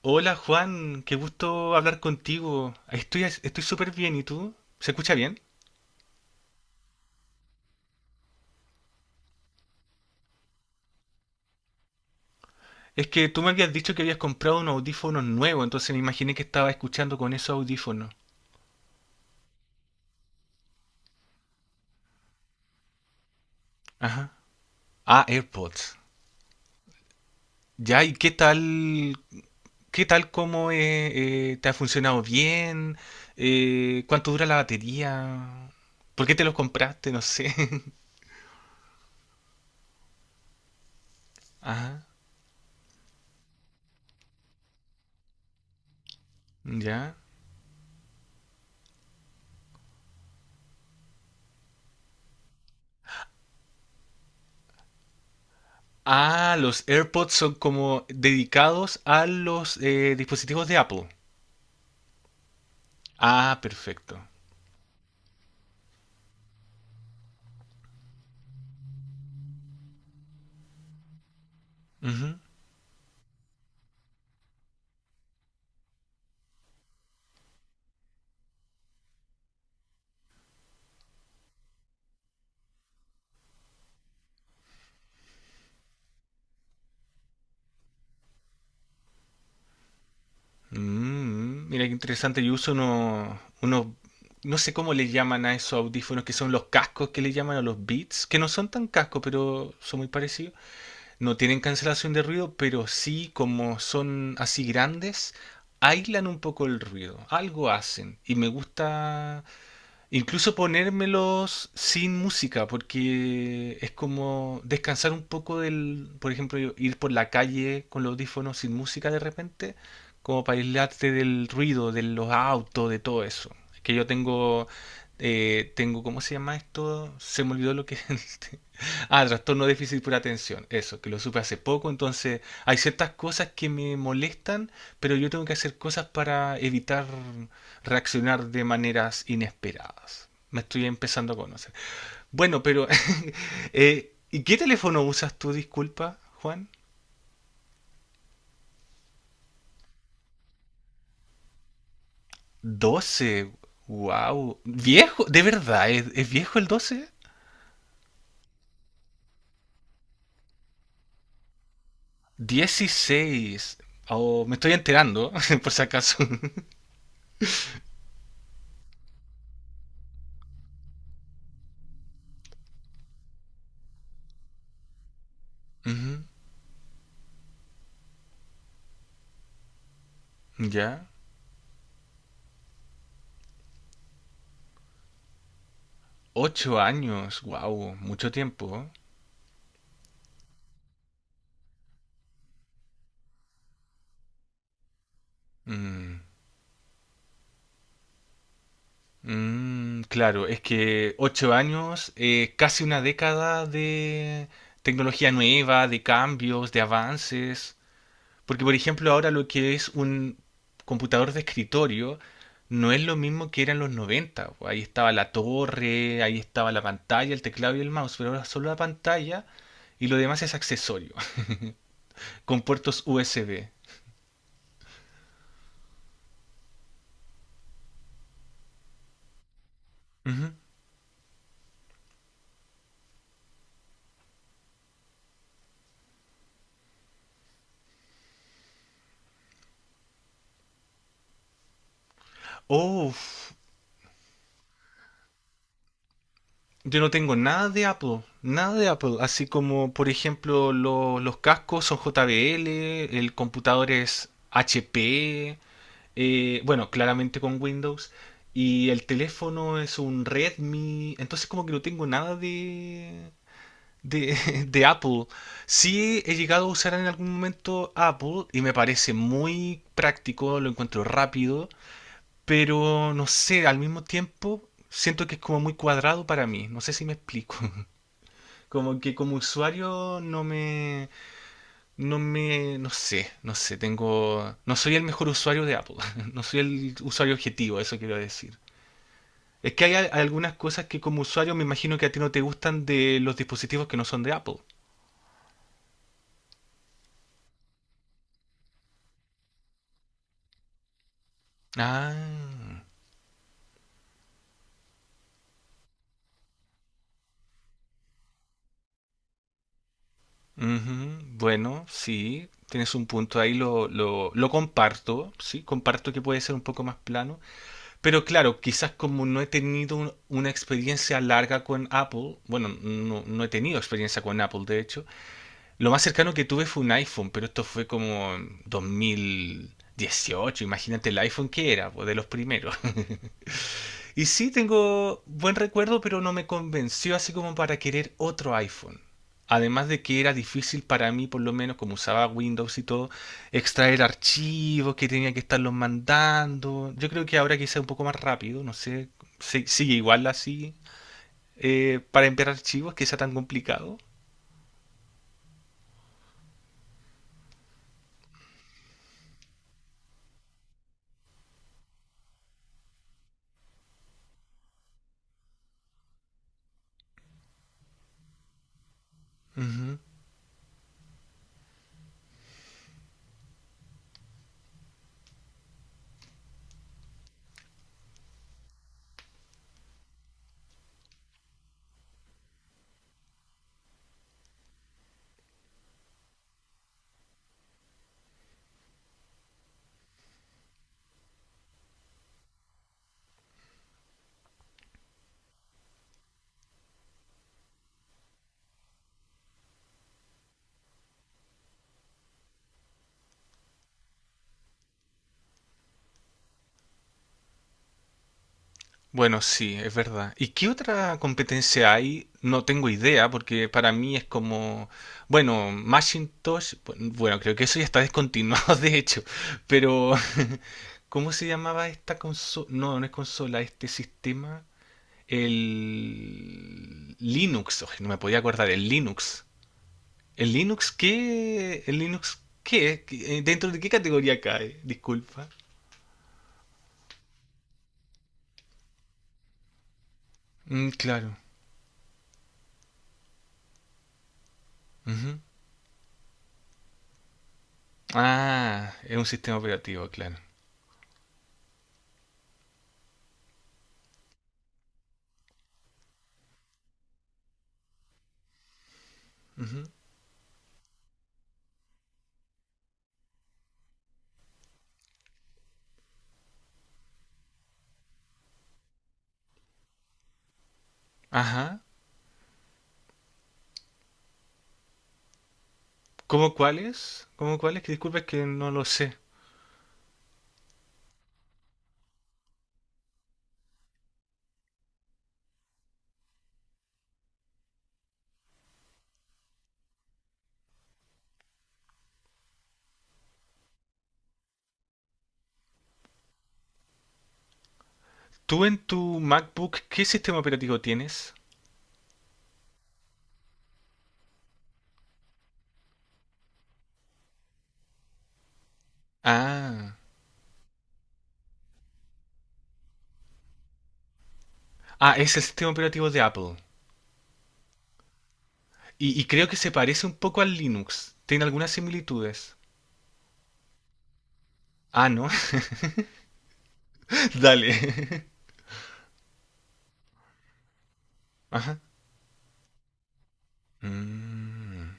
Hola Juan, qué gusto hablar contigo. Estoy súper bien, ¿y tú? ¿Se escucha bien? Es que tú me habías dicho que habías comprado unos audífonos nuevos, entonces me imaginé que estaba escuchando con esos audífonos. Ajá. Ah, AirPods. Ya, ¿y qué tal? ¿Qué tal cómo te ha funcionado bien? ¿Cuánto dura la batería? ¿Por qué te los compraste? No sé. Ajá. Ya. Ah, los AirPods son como dedicados a los dispositivos de Apple. Ah, perfecto. Ujú. Mm, mira qué interesante. Yo uso unos, no sé cómo le llaman a esos audífonos, que son los cascos que le llaman a los Beats, que no son tan cascos, pero son muy parecidos. No tienen cancelación de ruido, pero sí, como son así grandes, aislan un poco el ruido. Algo hacen. Y me gusta incluso ponérmelos sin música, porque es como descansar un poco del, por ejemplo, yo ir por la calle con los audífonos sin música de repente, como para aislarte del ruido, de los autos, de todo eso. Que yo tengo, tengo, ¿cómo se llama esto? Se me olvidó lo que es. Ah, trastorno de déficit por atención, eso, que lo supe hace poco, entonces hay ciertas cosas que me molestan, pero yo tengo que hacer cosas para evitar reaccionar de maneras inesperadas. Me estoy empezando a conocer. Bueno, pero ¿y qué teléfono usas tú, disculpa, Juan? 12. Wow, viejo, ¿de verdad es viejo el doce? Dieciséis. Oh, me estoy enterando, por si acaso. Ujú. Ya. Ocho años, wow, mucho tiempo. Mm, mm, claro, es que 8 años, casi una década de tecnología nueva, de cambios, de avances. Porque, por ejemplo, ahora lo que es un computador de escritorio no es lo mismo que era en los 90 po. Ahí estaba la torre, ahí estaba la pantalla, el teclado y el mouse, pero ahora solo la pantalla y lo demás es accesorio, con puertos USB. Ujú. Uf, yo no tengo nada de Apple, nada de Apple, así como por ejemplo los cascos son JBL, el computador es HP, bueno, claramente con Windows, y el teléfono es un Redmi, entonces como que no tengo nada de, de, de Apple. Sí he llegado a usar en algún momento Apple y me parece muy práctico, lo encuentro rápido, pero no sé, al mismo tiempo siento que es como muy cuadrado para mí, no sé si me explico. Como que como usuario no me, no sé, no sé, tengo, no soy el mejor usuario de Apple, no soy el usuario objetivo, eso quiero decir. Es que hay algunas cosas que como usuario me imagino que a ti no te gustan de los dispositivos que no son de Apple. Ah, ujú. Bueno, sí, tienes un punto ahí, lo comparto, sí, comparto que puede ser un poco más plano. Pero claro, quizás como no he tenido una experiencia larga con Apple, bueno, no, no he tenido experiencia con Apple, de hecho, lo más cercano que tuve fue un iPhone, pero esto fue como en 2018, imagínate el iPhone que era, pues, de los primeros. Y sí, tengo buen recuerdo, pero no me convenció así como para querer otro iPhone. Además de que era difícil para mí, por lo menos como usaba Windows y todo, extraer archivos que tenía que estarlos mandando. Yo creo que ahora quizá un poco más rápido, no sé, sigue igual así, para enviar archivos, que sea tan complicado. Ujú. Bueno, sí, es verdad. ¿Y qué otra competencia hay? No tengo idea, porque para mí es como, bueno, Macintosh, bueno, creo que eso ya está descontinuado, de hecho, pero ¿cómo se llamaba esta consola? No, no es consola, este sistema, el Linux. Oye, no me podía acordar, el Linux. ¿El Linux qué? ¿El Linux qué? ¿Dentro de qué categoría cae? Disculpa. Mm, claro. Ujú. Ah, es un sistema operativo, claro. Ajá. ¿Cómo cuáles? ¿Cómo cuáles? Que disculpa, es que no lo sé. ¿Tú en tu MacBook qué sistema operativo tienes? Ah. Ah, es el sistema operativo de Apple. Y creo que se parece un poco al Linux. Tiene algunas similitudes. Ah, ¿no? Dale. Ajá. Mm.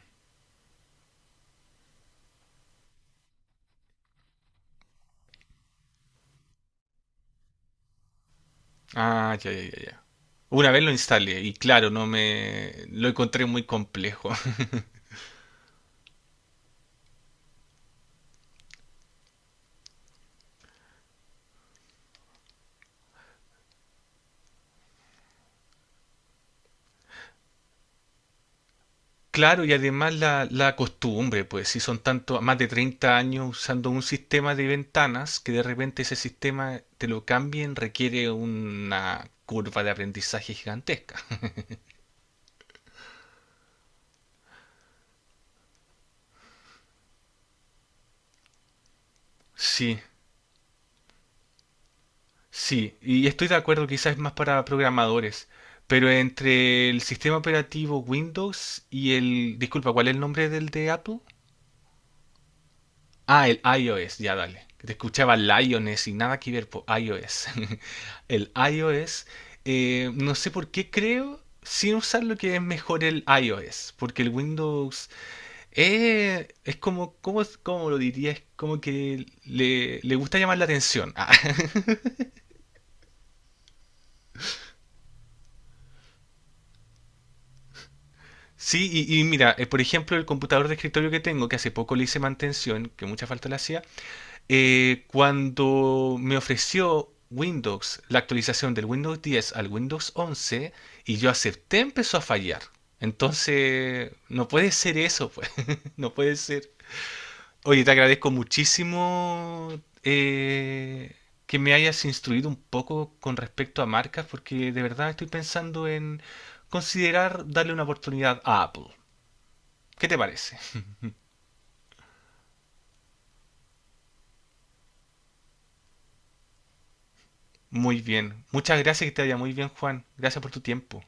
Ah, ya, ya, ya, ya. Una vez lo instalé y claro, no me lo encontré muy complejo. Claro, y además la costumbre, pues si son tanto, más de 30 años usando un sistema de ventanas, que de repente ese sistema te lo cambien, requiere una curva de aprendizaje gigantesca. Sí, sí, y estoy de acuerdo, quizás es más para programadores, pero entre el sistema operativo Windows y el, disculpa, ¿cuál es el nombre del de Apple? Ah, el iOS, ya dale. Que te escuchaba Lioness y nada que ver por iOS. El iOS, no sé por qué creo, sin usar lo que es mejor el iOS, porque el Windows es como, ¿cómo lo diría? Es como que le gusta llamar la atención. Ah, sí, y mira, por ejemplo, el computador de escritorio que tengo, que hace poco le hice mantención, que mucha falta le hacía. Cuando me ofreció Windows la actualización del Windows 10 al Windows 11 y yo acepté, empezó a fallar. Entonces, no puede ser eso, pues. No puede ser. Oye, te agradezco muchísimo eh, que me hayas instruido un poco con respecto a marcas, porque de verdad estoy pensando en considerar darle una oportunidad a Apple. ¿Qué te parece? Muy bien. Muchas gracias, que te vaya muy bien, Juan. Gracias por tu tiempo.